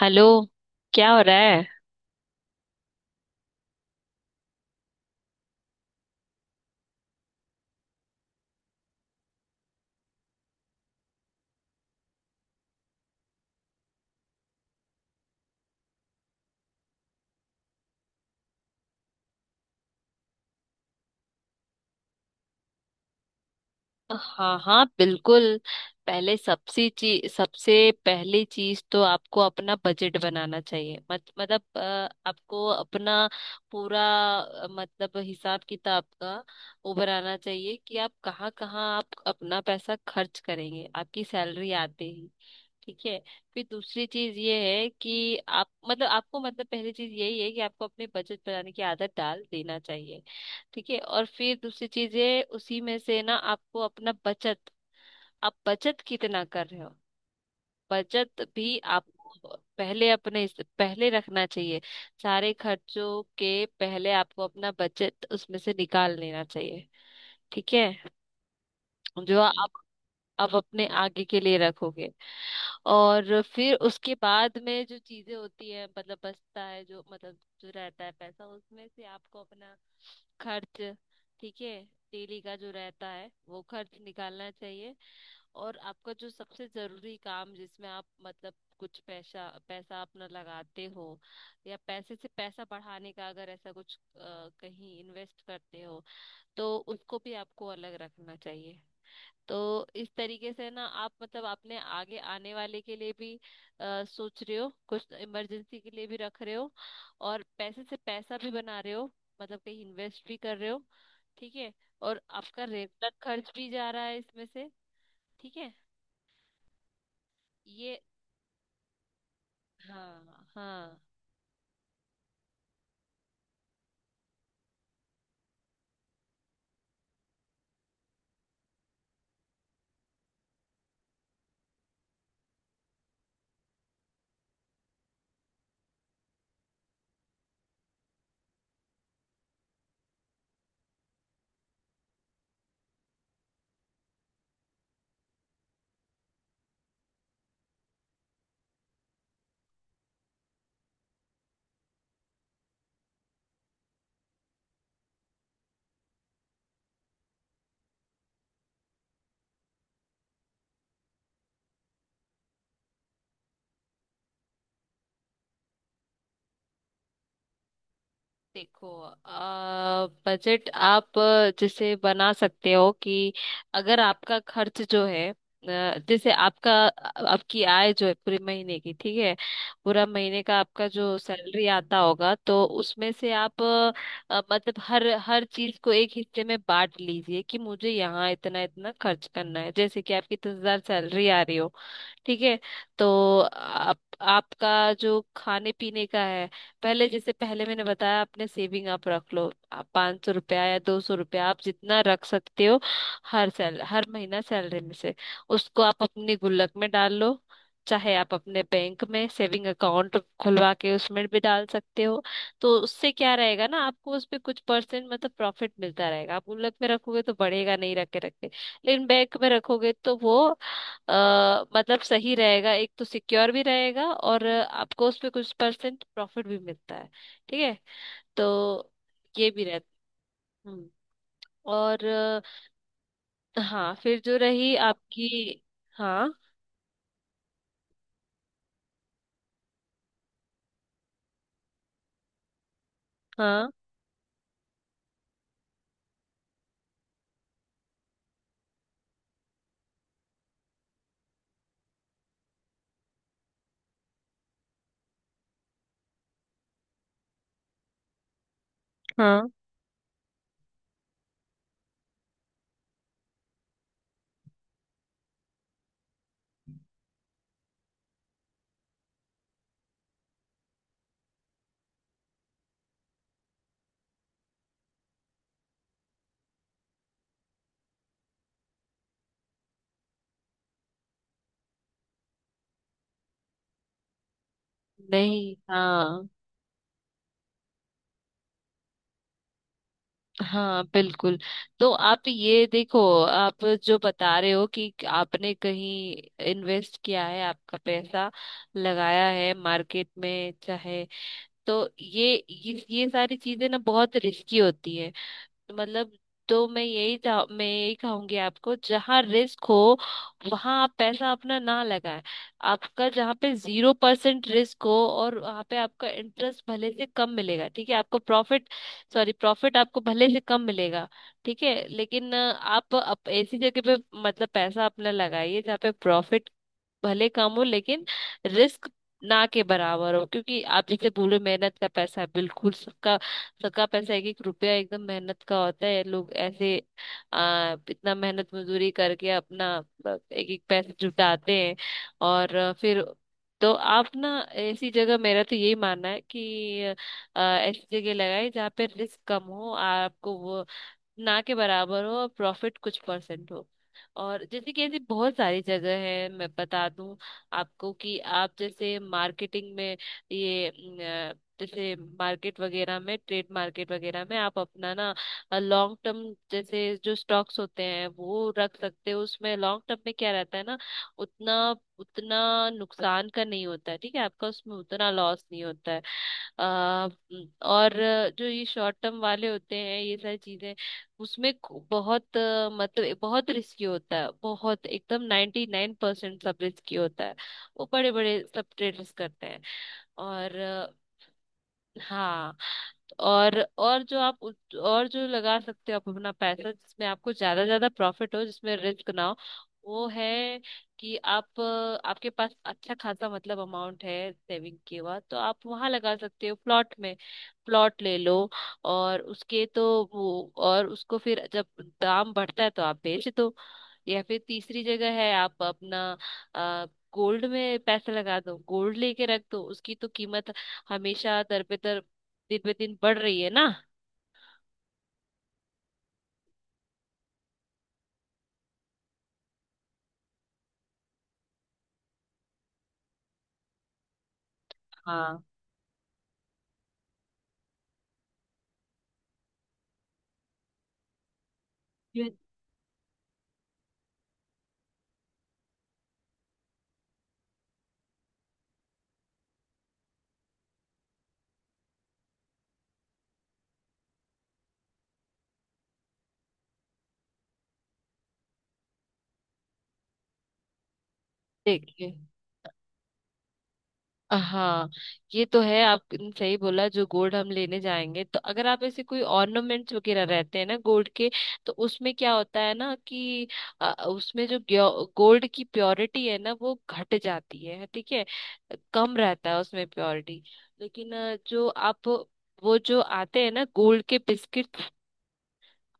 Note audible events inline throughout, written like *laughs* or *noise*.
Hello. क्या हो रहा है। हाँ हाँ बिल्कुल। पहले सबसे चीज सबसे पहली चीज तो आपको अपना बजट बनाना चाहिए मत, मतलब आपको अपना पूरा मतलब हिसाब किताब का वो बनाना चाहिए कि आप कहाँ कहाँ आप अपना पैसा खर्च करेंगे आपकी सैलरी आते ही। ठीक है। फिर दूसरी चीज ये है कि आप मतलब आपको मतलब पहली चीज यही है कि आपको अपनी बचत बढ़ाने की आदत डाल देना चाहिए। ठीक है। और फिर दूसरी चीज ये उसी में से ना आपको अपना बचत आप बचत कितना कर रहे हो। बचत भी आपको पहले पहले रखना चाहिए। सारे खर्चों के पहले आपको अपना बचत उसमें से निकाल लेना चाहिए। ठीक है। जो आप अपने आगे के लिए रखोगे। और फिर उसके बाद में जो चीजें होती है मतलब बचता है जो मतलब जो रहता है पैसा उसमें से आपको अपना खर्च। ठीक है। डेली का जो रहता है वो खर्च निकालना चाहिए। और आपका जो सबसे जरूरी काम जिसमें आप मतलब कुछ पैसा पैसा अपना लगाते हो या पैसे से पैसा बढ़ाने का अगर ऐसा कुछ कहीं इन्वेस्ट करते हो तो उसको भी आपको अलग रखना चाहिए। तो इस तरीके से ना आप मतलब अपने आगे आने वाले के लिए भी सोच रहे हो, कुछ इमरजेंसी के लिए भी रख रहे हो, और पैसे से पैसा भी बना रहे हो, मतलब कहीं इन्वेस्ट भी कर रहे हो। ठीक है। और आपका रेगुलर खर्च भी जा रहा है इसमें से। ठीक है। ये हाँ हाँ। देखो, बजट आप जैसे बना सकते हो कि अगर आपका खर्च जो है जैसे आपका आपकी आय जो है पूरे महीने की। ठीक है। पूरा महीने का आपका जो सैलरी आता होगा तो उसमें से आप मतलब हर हर चीज को एक हिस्से में बांट लीजिए कि मुझे यहाँ इतना इतना खर्च करना है। जैसे कि आपकी 10,000 सैलरी आ रही हो। ठीक है। तो आप आपका जो खाने पीने का है, पहले जैसे पहले मैंने बताया आपने सेविंग आप रख लो, आप 500 रुपया या 200 रुपया आप जितना रख सकते हो हर सैल हर महीना सैलरी में से उसको आप अपनी गुल्लक में डाल लो। चाहे आप अपने बैंक में सेविंग अकाउंट खुलवा के उसमें भी डाल सकते हो। तो उससे क्या रहेगा ना, आपको उस पे कुछ परसेंट मतलब प्रॉफिट मिलता रहेगा। आप गुल्लक में रखोगे तो बढ़ेगा नहीं रखे रखे, लेकिन बैंक में रखोगे तो वो अ, मतलब सही रहेगा। एक तो सिक्योर भी रहेगा और आपको उस पे कुछ परसेंट प्रॉफिट भी मिलता है। ठीक है। तो ये भी रहता। हम्म। और हाँ फिर जो रही आपकी। हाँ। हाँ। हाँ नहीं हाँ। हाँ बिल्कुल। तो आप ये देखो, आप जो बता रहे हो कि आपने कहीं इन्वेस्ट किया है, आपका पैसा लगाया है मार्केट में चाहे, तो ये सारी चीजें ना बहुत रिस्की होती है। मतलब तो मैं यही चाह मैं यही कहूंगी आपको, जहां रिस्क हो वहां आप पैसा अपना ना लगाएं। आपका जहां पे जीरो परसेंट रिस्क हो और वहां पे आपका इंटरेस्ट भले से कम मिलेगा, ठीक है, आपको प्रॉफिट सॉरी प्रॉफिट आपको भले से कम मिलेगा, ठीक है, लेकिन आप ऐसी जगह पे मतलब पैसा अपना लगाइए जहाँ पे प्रॉफिट भले कम हो लेकिन रिस्क ना के बराबर हो। क्योंकि आप जैसे बोले मेहनत का पैसा है, बिल्कुल, सबका सबका पैसा एक एक रुपया एकदम मेहनत का होता है। लोग ऐसे इतना मेहनत मजदूरी करके अपना मतलब एक एक पैसा जुटाते हैं। और फिर तो आप ना ऐसी जगह मेरा तो यही मानना है कि ऐसी जगह लगाए जहाँ पे रिस्क कम हो आपको, वो ना के बराबर हो और प्रॉफिट कुछ परसेंट हो। और जैसे कि ऐसी बहुत सारी जगह है, मैं बता दूं आपको कि आप जैसे मार्केटिंग में ये जैसे मार्केट वगैरह में ट्रेड मार्केट वगैरह में आप अपना ना लॉन्ग टर्म जैसे जो स्टॉक्स होते हैं वो रख सकते हो। उसमें लॉन्ग टर्म में क्या रहता है ना, उतना उतना नुकसान का नहीं होता है, ठीक है, आपका उसमें उतना लॉस नहीं होता है। अ, और जो ये शॉर्ट टर्म वाले होते हैं ये सारी चीजें, बहुत मतलब बहुत रिस्की होता है, बहुत एकदम 99% सब रिस्की होता है। वो बड़े बड़े सब ट्रेडर्स करते हैं। और हाँ, तो और जो आप और जो लगा सकते हो आप अपना पैसा जिसमें आपको ज्यादा ज्यादा प्रॉफिट हो जिसमें रिस्क ना हो, वो है कि आप आपके पास अच्छा खासा मतलब अमाउंट है सेविंग के बाद, तो आप वहां लगा सकते हो प्लॉट में। प्लॉट ले लो और उसके तो वो और उसको फिर जब दाम बढ़ता है तो आप बेच दो। या फिर तीसरी जगह है आप अपना आ, गोल्ड में पैसे लगा दो, गोल्ड लेके रख दो, उसकी तो कीमत हमेशा दर पे दर दिन पे दिन बढ़ रही है ना। हाँ ये देखिए। हाँ ये तो है आपने सही बोला, जो गोल्ड हम लेने जाएंगे तो अगर आप ऐसे कोई ऑर्नामेंट्स वगैरह रहते हैं ना गोल्ड के, तो उसमें क्या होता है ना कि उसमें जो गोल्ड की प्योरिटी है ना वो घट जाती है, ठीक है, कम रहता है उसमें प्योरिटी। लेकिन जो आप वो जो आते हैं ना गोल्ड के बिस्किट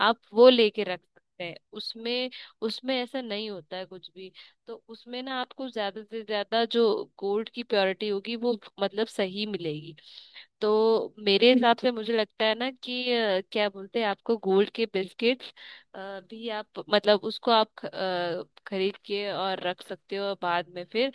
आप वो लेके रख सकते हैं। उसमें उसमें ऐसा नहीं होता है कुछ भी। तो उसमें ना आपको ज्यादा से ज्यादा जो गोल्ड की प्योरिटी होगी वो मतलब सही मिलेगी। तो मेरे हिसाब से *laughs* मुझे लगता है ना कि क्या बोलते हैं आपको गोल्ड के बिस्किट भी आप मतलब उसको आप खरीद के और रख सकते हो और बाद में फिर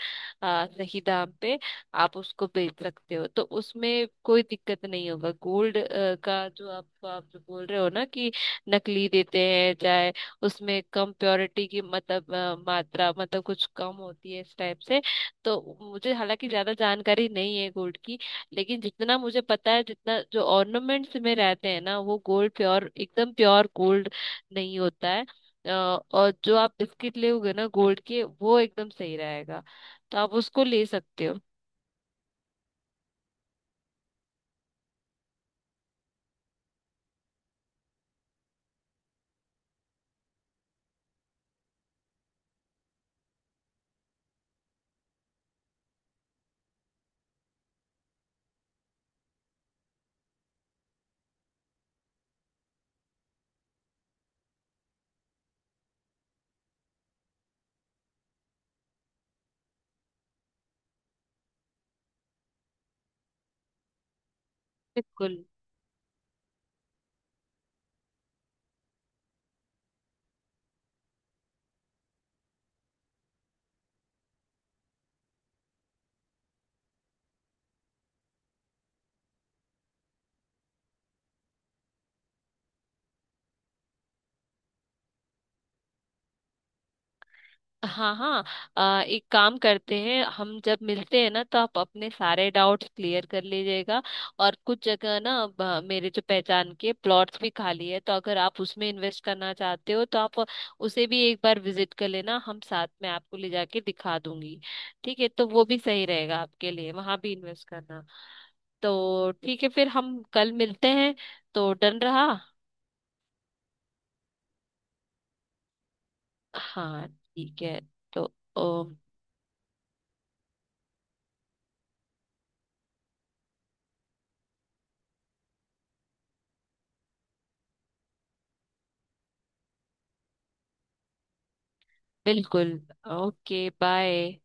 सही दाम पे आप उसको बेच सकते हो। तो उसमें कोई दिक्कत नहीं होगा। गोल्ड का जो आप जो बोल रहे हो ना कि नकली देते हैं चाहे, उसमें कम प्योरिटी की मतलब मात्रा मतलब कुछ कम होती है इस टाइप से। तो मुझे हालांकि ज्यादा जानकारी नहीं है गोल्ड की, लेकिन जितना मुझे पता है जितना जो ऑर्नामेंट्स में रहते हैं ना वो गोल्ड प्योर एकदम प्योर गोल्ड नहीं होता है। और जो आप बिस्किट लोगे ना गोल्ड के वो एकदम सही रहेगा, तो आप उसको ले सकते हो। बिल्कुल। हाँ हाँ। एक काम करते हैं, हम जब मिलते हैं ना तो आप अपने सारे डाउट्स क्लियर कर लीजिएगा। और कुछ जगह ना मेरे जो पहचान के प्लॉट्स भी खाली है, तो अगर आप उसमें इन्वेस्ट करना चाहते हो तो आप उसे भी एक बार विजिट कर लेना, हम साथ में आपको ले जाके दिखा दूंगी। ठीक है, तो वो भी सही रहेगा आपके लिए वहां भी इन्वेस्ट करना। तो ठीक है, फिर हम कल मिलते हैं। तो डन रहा। हाँ ठीक है। तो ओ, बिल्कुल। Okay bye.